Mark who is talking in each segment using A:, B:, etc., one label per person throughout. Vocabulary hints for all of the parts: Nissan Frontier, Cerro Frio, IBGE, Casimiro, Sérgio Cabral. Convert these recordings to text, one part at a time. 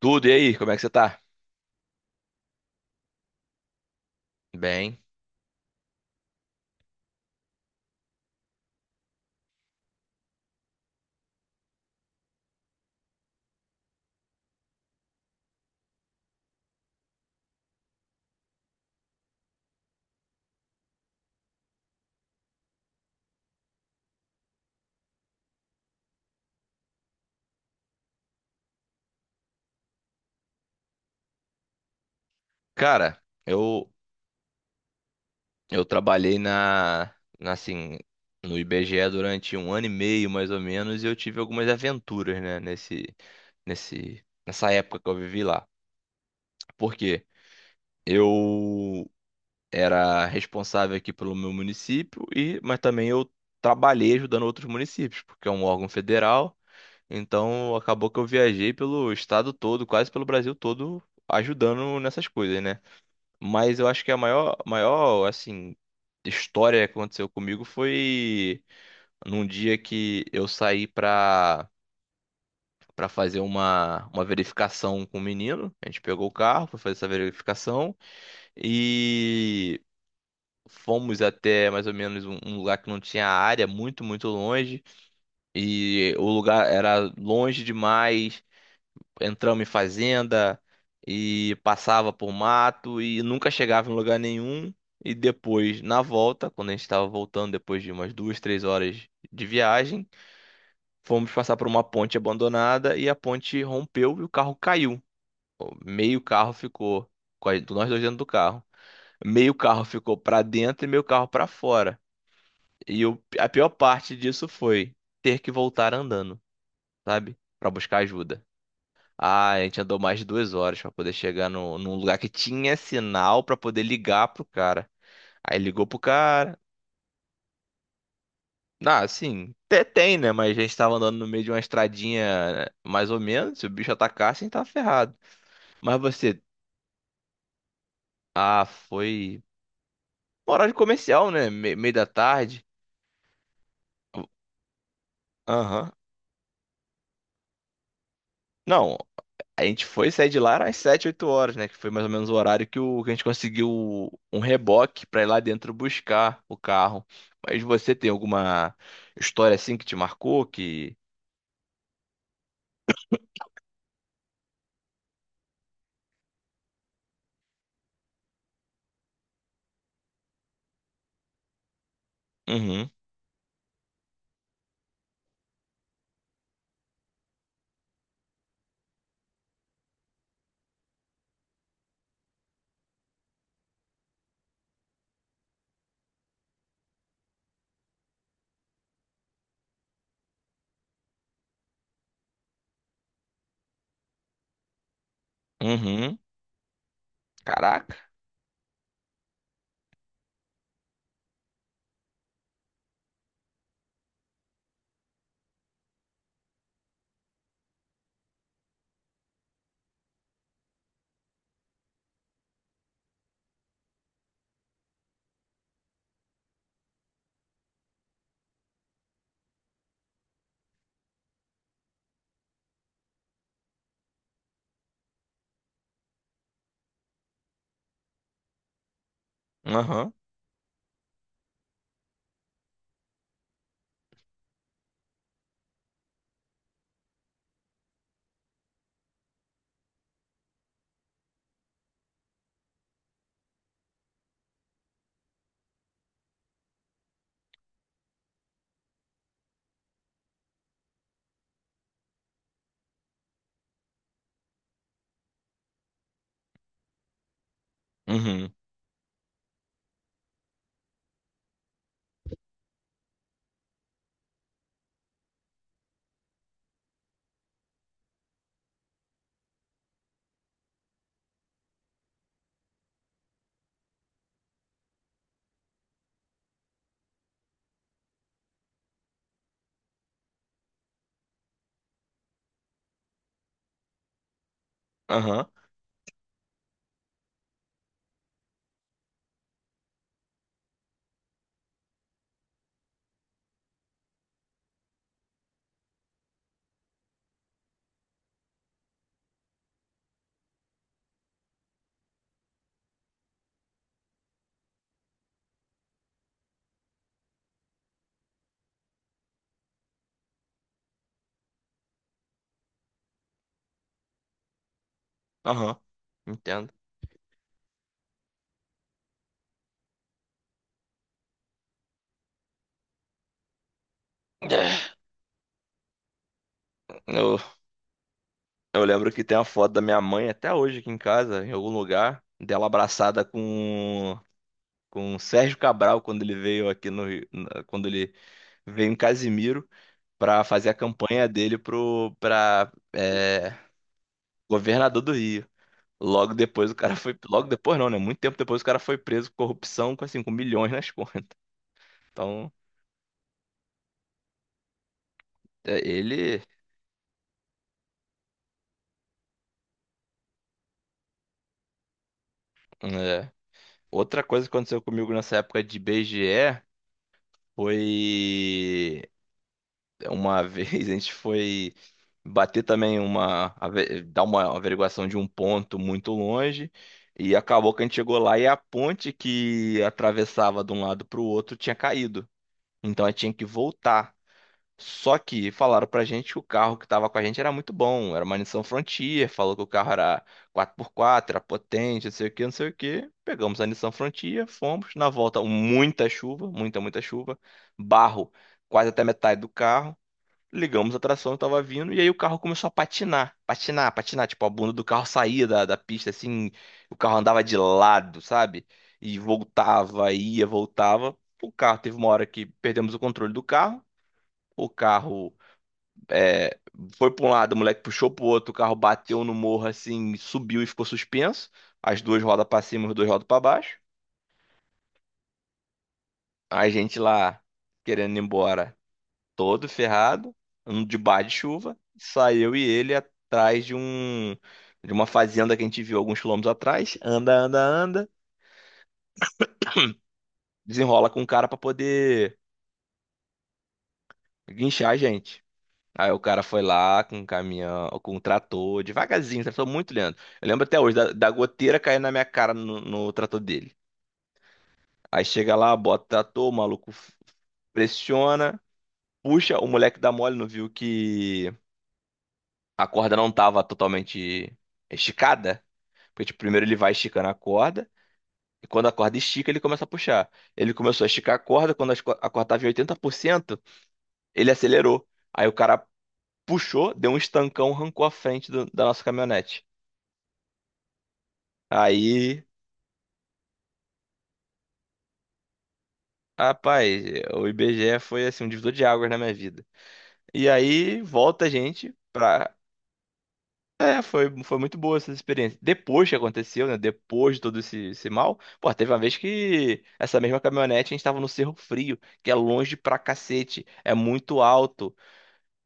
A: Tudo, e aí, como é que você tá? Bem, cara, eu trabalhei na, assim no IBGE durante um ano e meio mais ou menos e eu tive algumas aventuras, né, nesse nesse nessa época que eu vivi lá. Por quê? Eu era responsável aqui pelo meu município e mas também eu trabalhei ajudando outros municípios, porque é um órgão federal. Então acabou que eu viajei pelo estado todo, quase pelo Brasil todo, ajudando nessas coisas, né? Mas eu acho que a maior, maior, assim, história que aconteceu comigo foi num dia que eu saí pra fazer uma verificação com o menino. A gente pegou o carro, foi fazer essa verificação e fomos até mais ou menos um lugar que não tinha área, muito, muito longe. E o lugar era longe demais. Entramos em fazenda e passava por mato e nunca chegava em lugar nenhum. E depois, na volta, quando a gente estava voltando, depois de umas 2, 3 horas de viagem, fomos passar por uma ponte abandonada e a ponte rompeu e o carro caiu. Meio carro ficou, nós dois dentro do carro. Meio carro ficou para dentro e meio carro para fora. E a pior parte disso foi ter que voltar andando, sabe? Para buscar ajuda. Ah, a gente andou mais de 2 horas pra poder chegar no, num lugar que tinha sinal pra poder ligar pro cara. Aí ligou pro cara. Ah, assim, até tem, né? Mas a gente tava andando no meio de uma estradinha mais ou menos. Se o bicho atacasse, a gente tava ferrado. Mas você. Ah, foi. Horário comercial, né? Meio da tarde. Aham. Não. A gente foi sair de lá às 7 8 horas, né? Que foi mais ou menos o horário que a gente conseguiu um reboque pra ir lá dentro buscar o carro. Mas você tem alguma história assim que te marcou? Que. Uhum, uhum, caraca. Aham, uhum, aham, aham. Entendo. É, Eu, eu lembro que tem uma foto da minha mãe até hoje aqui em casa, em algum lugar, dela abraçada com o Sérgio Cabral quando ele veio aqui no Rio, quando ele veio em Casimiro. Para fazer a campanha dele pro para governador do Rio. Logo depois o cara foi, logo depois não, né? Muito tempo depois o cara foi preso por corrupção com assim, com milhões nas contas. Então, é, ele é. Outra coisa que aconteceu comigo nessa época de BGE foi uma vez a gente foi bater também dar uma averiguação de um ponto muito longe e acabou que a gente chegou lá e a ponte que atravessava de um lado para o outro tinha caído. Então a gente tinha que voltar. Só que falaram pra gente que o carro que tava com a gente era muito bom, era uma Nissan Frontier, falou que o carro era quatro por quatro, era potente, não sei o que, não sei o que. Pegamos a Nissan Frontier, fomos, na volta muita chuva, muita, muita chuva, barro quase até metade do carro. Ligamos a tração, eu tava vindo, e aí o carro começou a patinar, patinar, patinar. Tipo, a bunda do carro saía da pista, assim, o carro andava de lado, sabe? E voltava, ia, voltava. O carro teve uma hora que perdemos o controle do carro. O carro é, foi para um lado, o moleque puxou pro outro, o carro bateu no morro, assim, subiu e ficou suspenso. As duas rodas pra cima, as duas rodas pra baixo. A gente lá, querendo ir embora. Todo ferrado, um de bar de chuva. Saiu e ele atrás de de uma fazenda que a gente viu alguns quilômetros atrás. Anda, anda, anda. Desenrola com o cara pra poder guinchar a gente. Aí o cara foi lá com um caminhão, com um trator, devagarzinho, trator muito lento. Eu lembro até hoje da goteira caindo na minha cara no trator dele. Aí chega lá, bota o trator, o maluco pressiona, puxa, o moleque dá mole, não viu que a corda não tava totalmente esticada. Porque, tipo, primeiro ele vai esticando a corda, e quando a corda estica, ele começa a puxar. Ele começou a esticar a corda, quando a corda estava em 80%, ele acelerou. Aí o cara puxou, deu um estancão, arrancou a frente da nossa caminhonete. Aí, rapaz, o IBGE foi assim um divisor de águas na minha vida. E aí volta a gente pra. É, foi muito boa essa experiência. Depois que aconteceu, né? Depois de todo esse mal, pô, teve uma vez que essa mesma caminhonete a gente tava no Cerro Frio, que é longe pra cacete, é muito alto.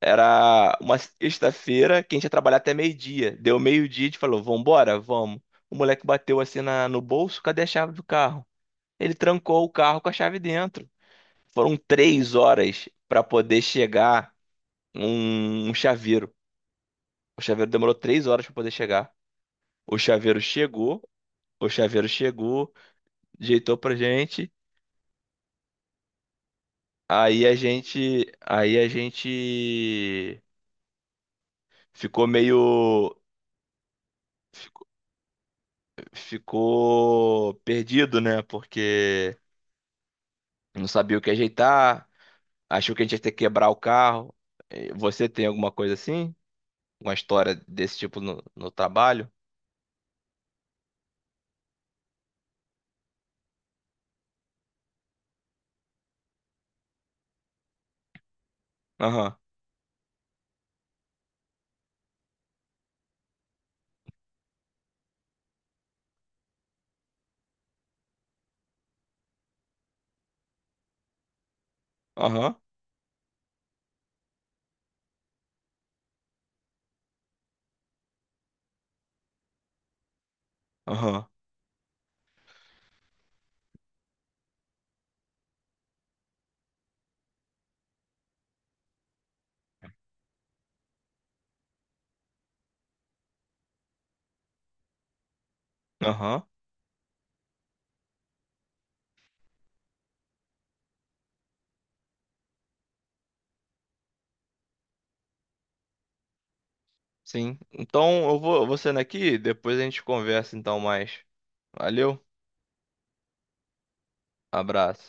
A: Era uma sexta-feira que a gente ia trabalhar até meio-dia. Deu meio-dia, a gente falou, vambora, vamos. O moleque bateu assim no bolso, cadê a chave do carro? Ele trancou o carro com a chave dentro. Foram 3 horas pra poder chegar um chaveiro. O chaveiro demorou 3 horas pra poder chegar. O chaveiro chegou, o chaveiro chegou, ajeitou pra gente. Aí a gente ficou meio ficou ficou perdido, né? Porque não sabia o que ajeitar, achou que a gente ia ter que quebrar o carro. Você tem alguma coisa assim? Uma história desse tipo no trabalho? Aham, aham, aham, aham. Sim. Então eu vou saindo aqui, depois a gente conversa então mais. Valeu, abraço.